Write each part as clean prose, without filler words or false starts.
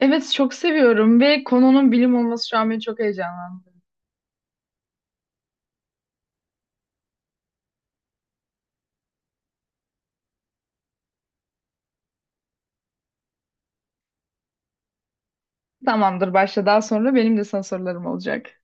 Evet, çok seviyorum ve konunun bilim olması şu an beni çok heyecanlandırdı. Tamamdır, başla, daha sonra benim de sana sorularım olacak.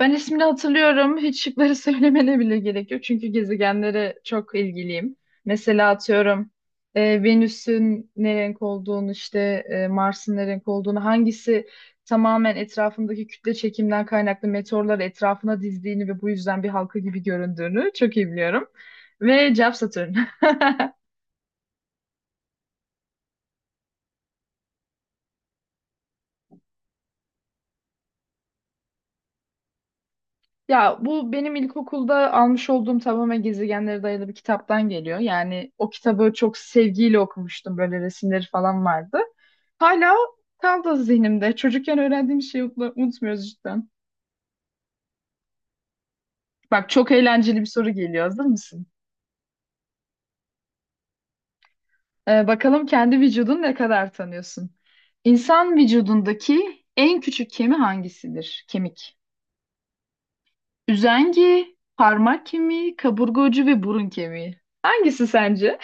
Ben ismini hatırlıyorum. Hiç şıkları söylemene bile gerek yok. Çünkü gezegenlere çok ilgiliyim. Mesela atıyorum, Venüs'ün ne renk olduğunu, işte Mars'ın ne renk olduğunu, hangisi tamamen etrafındaki kütle çekimden kaynaklı meteorları etrafına dizdiğini ve bu yüzden bir halka gibi göründüğünü çok iyi biliyorum. Ve cevap Satürn. Ya bu benim ilkokulda almış olduğum tamamen gezegenlere dayalı bir kitaptan geliyor. Yani o kitabı çok sevgiyle okumuştum. Böyle resimleri falan vardı. Hala kaldı zihnimde. Çocukken öğrendiğim şeyi unutmuyoruz cidden. Bak çok eğlenceli bir soru geliyor. Hazır mısın? Bakalım kendi vücudunu ne kadar tanıyorsun? İnsan vücudundaki en küçük kemi hangisidir? Kemik. Üzengi, parmak kemiği, kaburga ucu ve burun kemiği. Hangisi sence?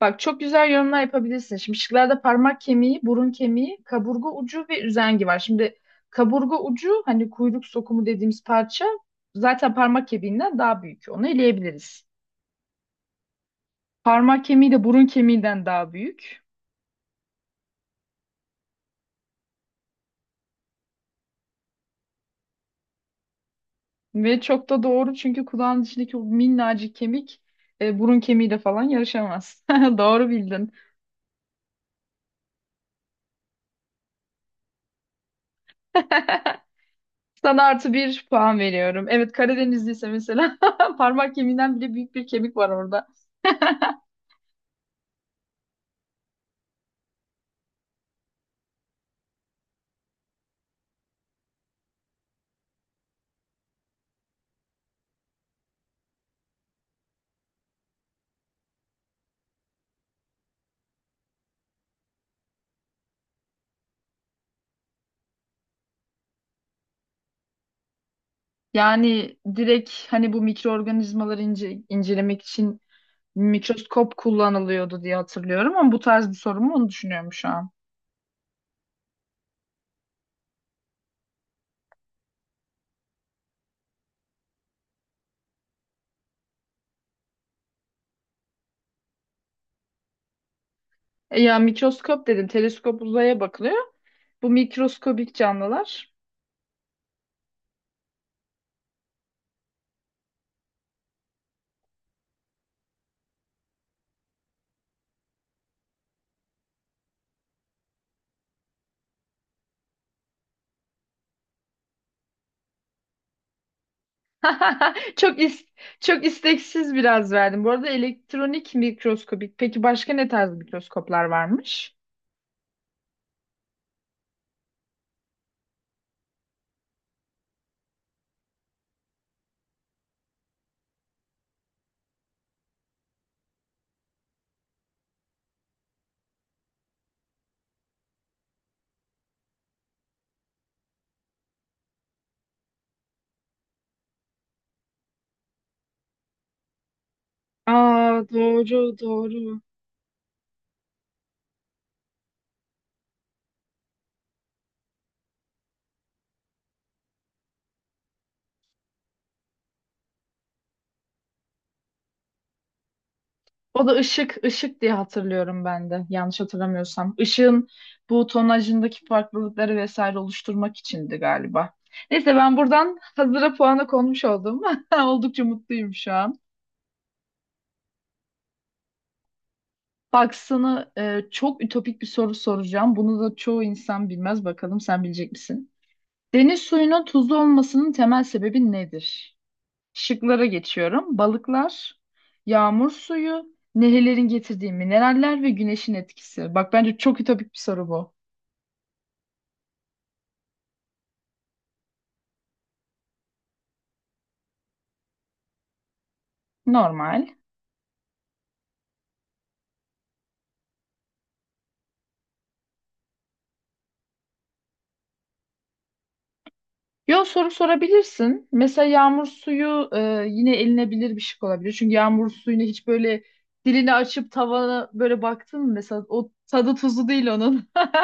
Bak çok güzel yorumlar yapabilirsin. Şimdi şıklarda parmak kemiği, burun kemiği, kaburga ucu ve üzengi var. Şimdi kaburga ucu, hani kuyruk sokumu dediğimiz parça, zaten parmak kemiğinden daha büyük. Onu eleyebiliriz. Parmak kemiği de burun kemiğinden daha büyük. Ve çok da doğru, çünkü kulağın içindeki o minnacık kemik burun kemiğiyle falan yarışamaz. Doğru bildin. Sana artı bir puan veriyorum. Evet, Karadenizliyse mesela parmak kemiğinden bile büyük bir kemik var orada. Yani direkt hani bu mikroorganizmaları incelemek için mikroskop kullanılıyordu diye hatırlıyorum, ama bu tarz bir sorun mu onu düşünüyorum şu an. E ya, mikroskop dedin, teleskop uzaya bakılıyor. Bu mikroskobik canlılar. Çok is Çok isteksiz biraz verdim. Bu arada elektronik mikroskobik. Peki başka ne tarz mikroskoplar varmış? Aa, doğru doğru. O da ışık, ışık diye hatırlıyorum ben de. Yanlış hatırlamıyorsam. Işığın bu tonajındaki farklılıkları vesaire oluşturmak içindi galiba. Neyse, ben buradan hazıra puanı konmuş oldum. Oldukça mutluyum şu an. Bak sana çok ütopik bir soru soracağım. Bunu da çoğu insan bilmez. Bakalım sen bilecek misin? Deniz suyunun tuzlu olmasının temel sebebi nedir? Şıklara geçiyorum. Balıklar, yağmur suyu, nehirlerin getirdiği mineraller ve güneşin etkisi. Bak bence çok ütopik bir soru bu. Normal. Yo, soru sorabilirsin. Mesela yağmur suyu yine elinebilir bir şık olabilir. Çünkü yağmur suyunu hiç böyle dilini açıp tavana böyle baktın mı mesela, o tadı tuzu değil onun.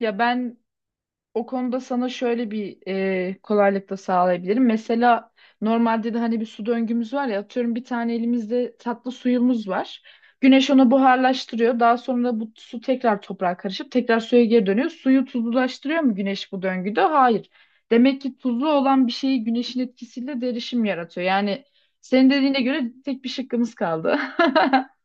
Ya ben O konuda sana şöyle bir kolaylık da sağlayabilirim. Mesela normalde de hani bir su döngümüz var ya, atıyorum bir tane elimizde tatlı suyumuz var. Güneş onu buharlaştırıyor. Daha sonra bu su tekrar toprağa karışıp tekrar suya geri dönüyor. Suyu tuzlulaştırıyor mu güneş bu döngüde? Hayır. Demek ki tuzlu olan bir şeyi güneşin etkisiyle derişim yaratıyor. Yani senin dediğine göre tek bir şıkkımız kaldı.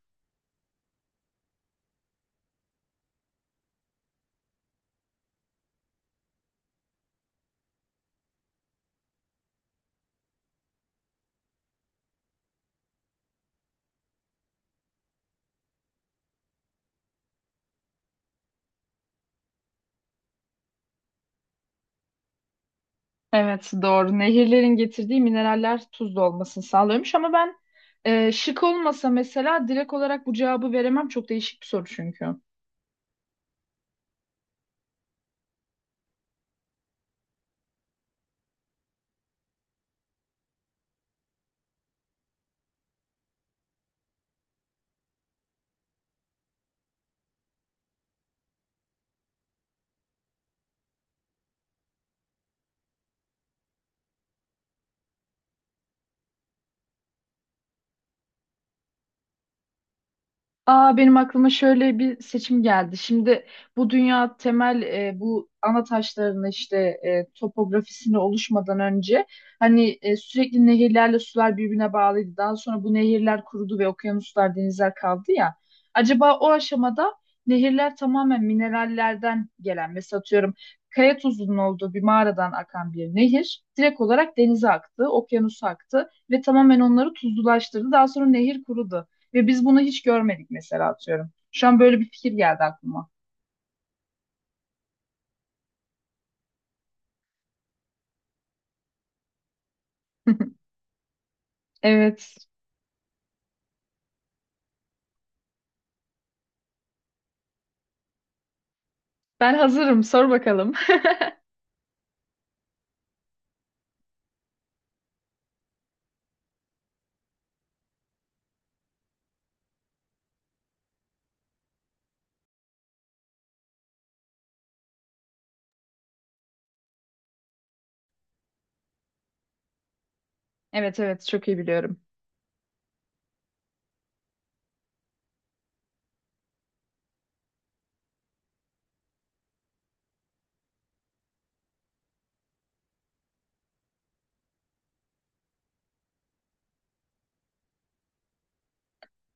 Evet, doğru. Nehirlerin getirdiği mineraller tuzlu olmasını sağlıyormuş, ama ben şık olmasa mesela direkt olarak bu cevabı veremem. Çok değişik bir soru çünkü. Aa, benim aklıma şöyle bir seçim geldi. Şimdi bu dünya temel bu ana taşlarını işte topografisini oluşmadan önce hani sürekli nehirlerle sular birbirine bağlıydı. Daha sonra bu nehirler kurudu ve okyanuslar, denizler kaldı ya. Acaba o aşamada nehirler tamamen minerallerden gelen, mesela atıyorum kaya tuzunun olduğu bir mağaradan akan bir nehir direkt olarak denize aktı, okyanusa aktı ve tamamen onları tuzlulaştırdı. Daha sonra nehir kurudu. Ve biz bunu hiç görmedik mesela, atıyorum. Şu an böyle bir fikir geldi aklıma. Evet. Ben hazırım. Sor bakalım. Evet evet, çok iyi biliyorum.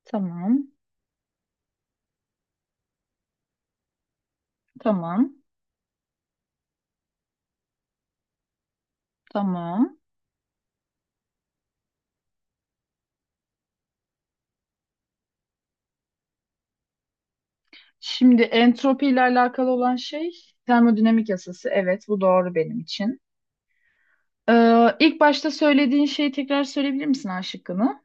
Tamam. Tamam. Tamam. Şimdi entropi ile alakalı olan şey termodinamik yasası. Evet, bu doğru benim için. İlk başta söylediğin şeyi tekrar söyleyebilir misin, A şıkkını?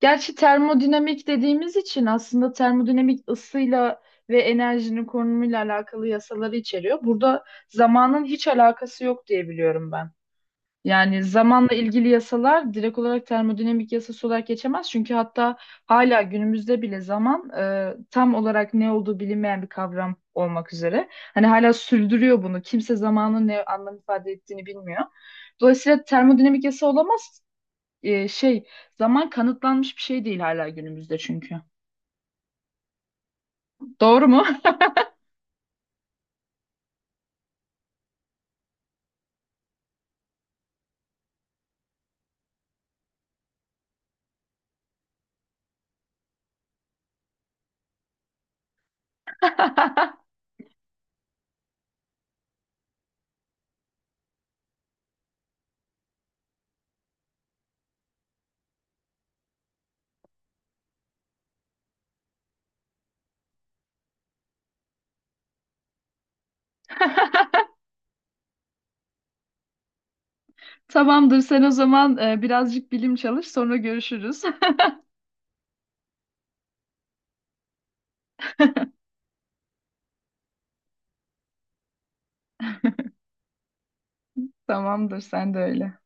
Gerçi termodinamik dediğimiz için aslında termodinamik ısıyla ve enerjinin konumuyla alakalı yasaları içeriyor. Burada zamanın hiç alakası yok diye biliyorum ben. Yani zamanla ilgili yasalar direkt olarak termodinamik yasası olarak geçemez. Çünkü hatta hala günümüzde bile zaman tam olarak ne olduğu bilinmeyen bir kavram olmak üzere. Hani hala sürdürüyor bunu. Kimse zamanın ne anlam ifade ettiğini bilmiyor. Dolayısıyla termodinamik yasa olamaz, e, şey zaman kanıtlanmış bir şey değil hala günümüzde çünkü. Doğru mu? Tamamdır, sen o zaman birazcık bilim çalış, sonra görüşürüz. Tamamdır, sen de öyle.